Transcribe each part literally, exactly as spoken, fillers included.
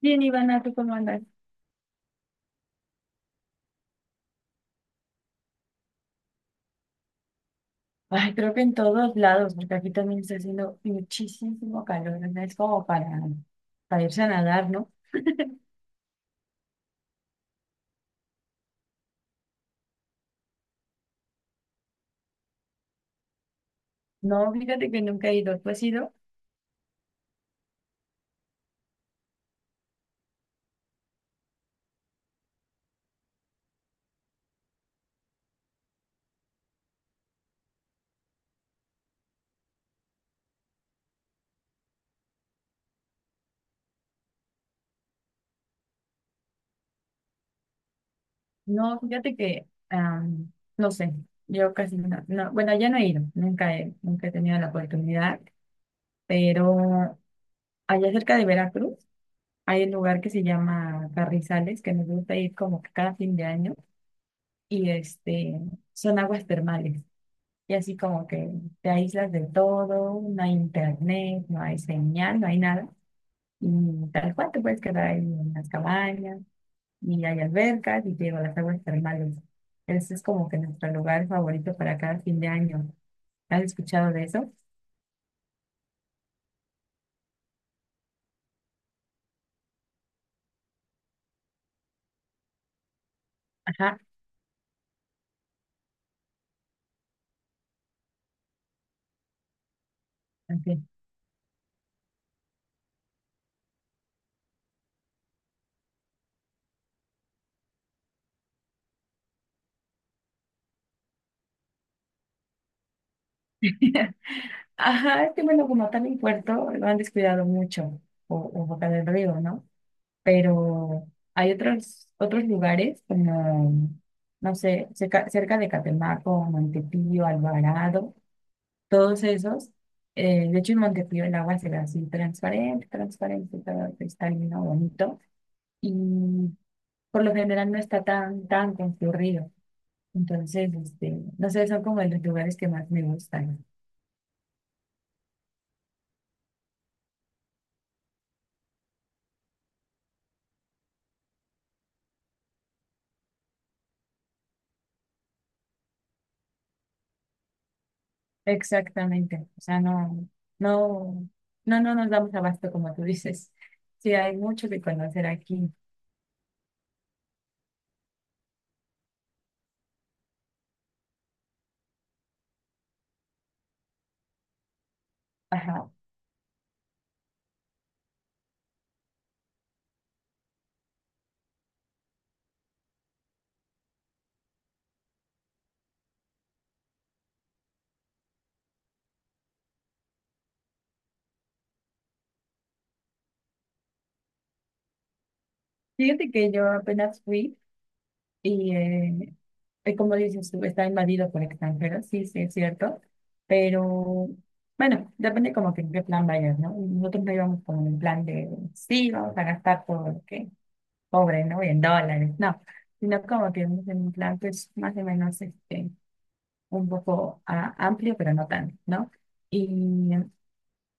Bien, Ivana, ¿tú cómo andas? Ay, creo que en todos lados, porque aquí también está haciendo muchísimo calor, ¿no? Es como para, para irse a nadar, ¿no? No, fíjate que nunca he ido. ¿Tú has ido? No, fíjate que, am, no sé, yo casi no, no, bueno, ya no he ido, nunca he, nunca he tenido la oportunidad, pero allá cerca de Veracruz hay un lugar que se llama Carrizales, que nos gusta ir como que cada fin de año, y este, son aguas termales. Y así como que te aíslas de todo, no hay internet, no hay señal, no hay nada. Y tal cual te puedes quedar ahí en las cabañas, y hay albercas, y te digo, las aguas termales. Ese es como que nuestro lugar favorito para cada fin de año. ¿Has escuchado de eso? Ajá, ok. Ajá, es que bueno, como tal en Puerto, lo han descuidado mucho, o, o Boca del Río, ¿no? Pero hay otros, otros lugares como, no sé, cerca, cerca de Catemaco, Montepío, Alvarado, todos esos. Eh, de hecho, en Montepío el agua se ve así transparente, transparente, todo cristalino, bonito, y por lo general no está tan, tan concurrido. Entonces, este, no sé, son como de los lugares que más me gustan. Exactamente. O sea, no, no, no, no nos damos abasto como tú dices. Sí, hay mucho que conocer aquí. Ajá. Fíjate que yo apenas fui y, eh, eh, como dices tú, está invadido por extranjeros, sí, sí, es cierto, pero bueno, depende como que en qué plan vayas, ¿no? Nosotros no íbamos como en plan de, sí, vamos a gastar porque, pobre, ¿no? En dólares, no, sino como que íbamos en un plan, pues, más o menos, este, un poco ah, amplio, pero no tanto, ¿no? Y,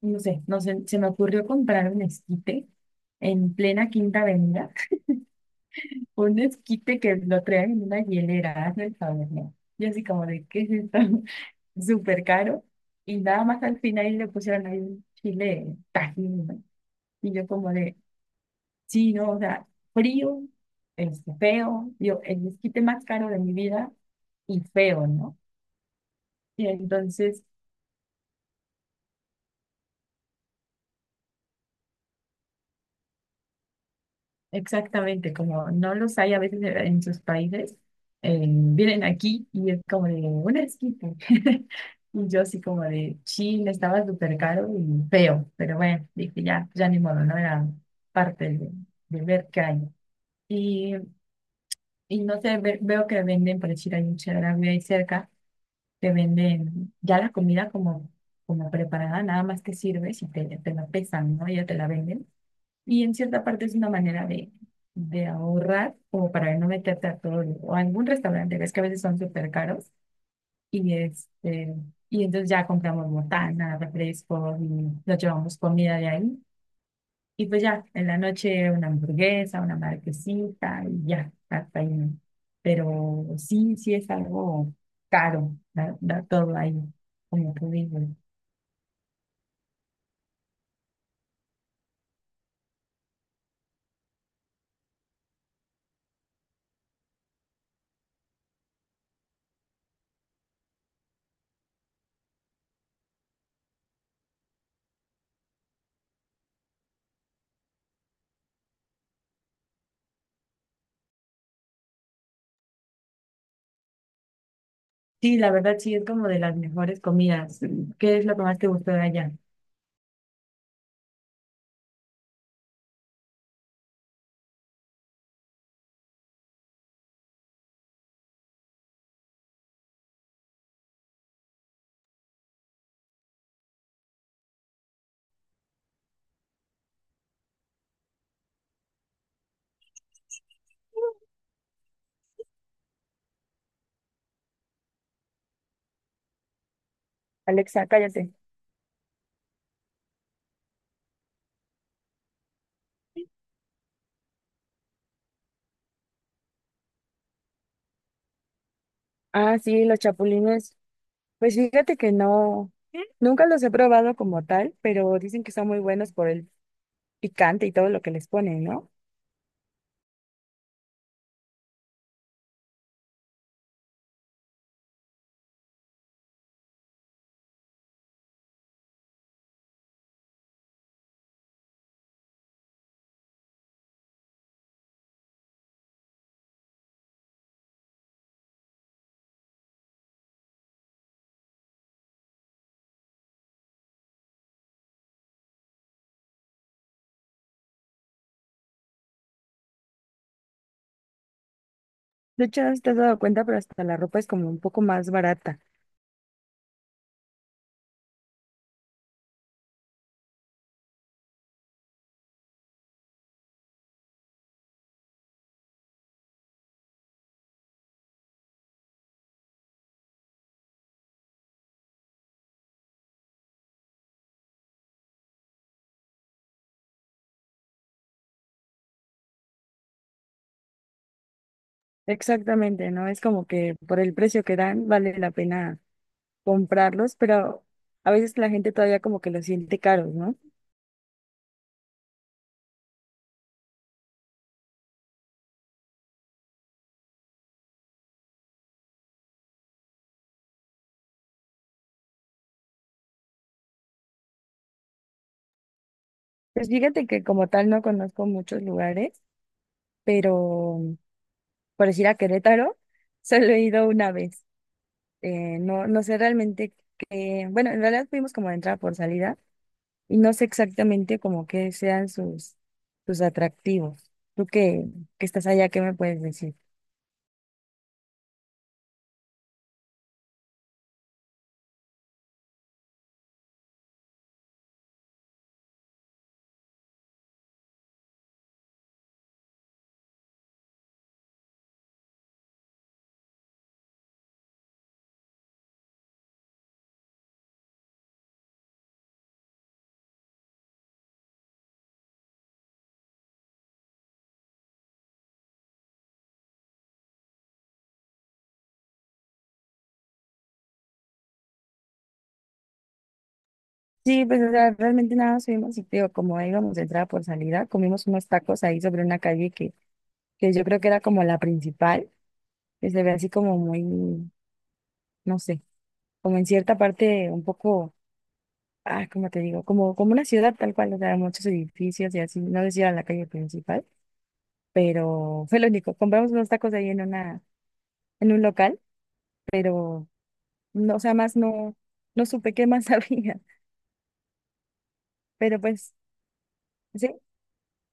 no sé, no sé, se me ocurrió comprar un esquite en plena Quinta Avenida. Un esquite que lo traen en una hielera, hazme el favor, ¿no? Y así como de, ¿qué es esto? Súper caro. Y nada más al final le pusieron ahí un chile tajín, ¿no? Y yo como de, sí, no, o sea, frío, este, feo, yo, el esquite más caro de mi vida y feo, ¿no? Y entonces exactamente, como no los hay a veces en en sus países, eh, vienen aquí y es como de un esquite. Y yo así como de, Chile estaba súper caro y feo, pero bueno, dije ya, ya ni modo, no era parte de, de ver qué hay. Y, y no sé, ve- veo que venden, por decir, hay un Chedraui ahí cerca, que venden ya la comida como, como preparada, nada más que sirves y te, te la pesan, ¿no? Ya te la venden. Y en cierta parte es una manera de, de ahorrar o para no meterte a todo el- o a algún restaurante, ves que a veces son súper caros, y este, y entonces ya compramos botana, refrescos y nos llevamos comida de ahí y pues ya en la noche una hamburguesa, una marquesita y ya hasta ahí, ¿no? Pero sí, sí es algo caro, da, da todo ahí, como tú dices. Sí, la verdad sí es como de las mejores comidas. ¿Qué es lo que más te gustó de allá? Alexa, cállate. Ah, sí, los chapulines. Pues fíjate que no, nunca los he probado como tal, pero dicen que son muy buenos por el picante y todo lo que les ponen, ¿no? De hecho, no sé si te has dado cuenta, pero hasta la ropa es como un poco más barata. Exactamente, ¿no? Es como que por el precio que dan vale la pena comprarlos, pero a veces la gente todavía como que los siente caros, ¿no? Pues fíjate que como tal no conozco muchos lugares, pero por decir a Querétaro, solo he ido una vez. Eh, no, no sé realmente qué, bueno, en realidad fuimos como de entrada por salida y no sé exactamente como qué sean sus, sus atractivos. Tú que, que estás allá, ¿qué me puedes decir? Sí, pues o sea, realmente nada, más fuimos y te digo, como íbamos de entrada por salida, comimos unos tacos ahí sobre una calle que, que yo creo que era como la principal, que se ve así como muy, no sé, como en cierta parte un poco, ah, ¿cómo te digo? Como, como una ciudad tal cual, o sea, muchos edificios y así, no decía la calle principal. Pero fue lo único. Compramos unos tacos ahí en una, en un local, pero no, o sea, más no, no supe qué más había. Pero pues, sí,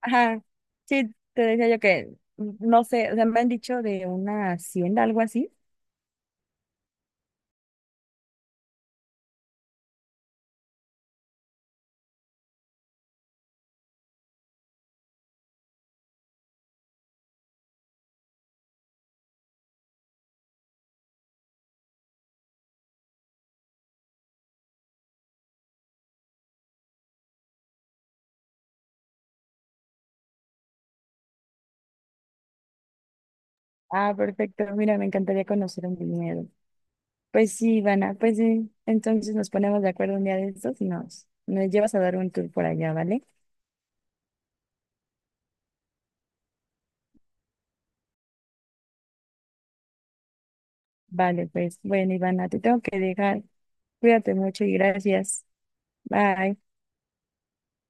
ajá, sí, te decía yo que no sé, o sea, me han dicho de una hacienda, algo así. Ah, perfecto, mira, me encantaría conocer un viñedo. Pues sí, Ivana, pues sí, entonces nos ponemos de acuerdo un día de estos y nos, nos llevas a dar un tour por allá, ¿vale? Vale, pues, bueno, Ivana, te tengo que dejar. Cuídate mucho y gracias. Bye.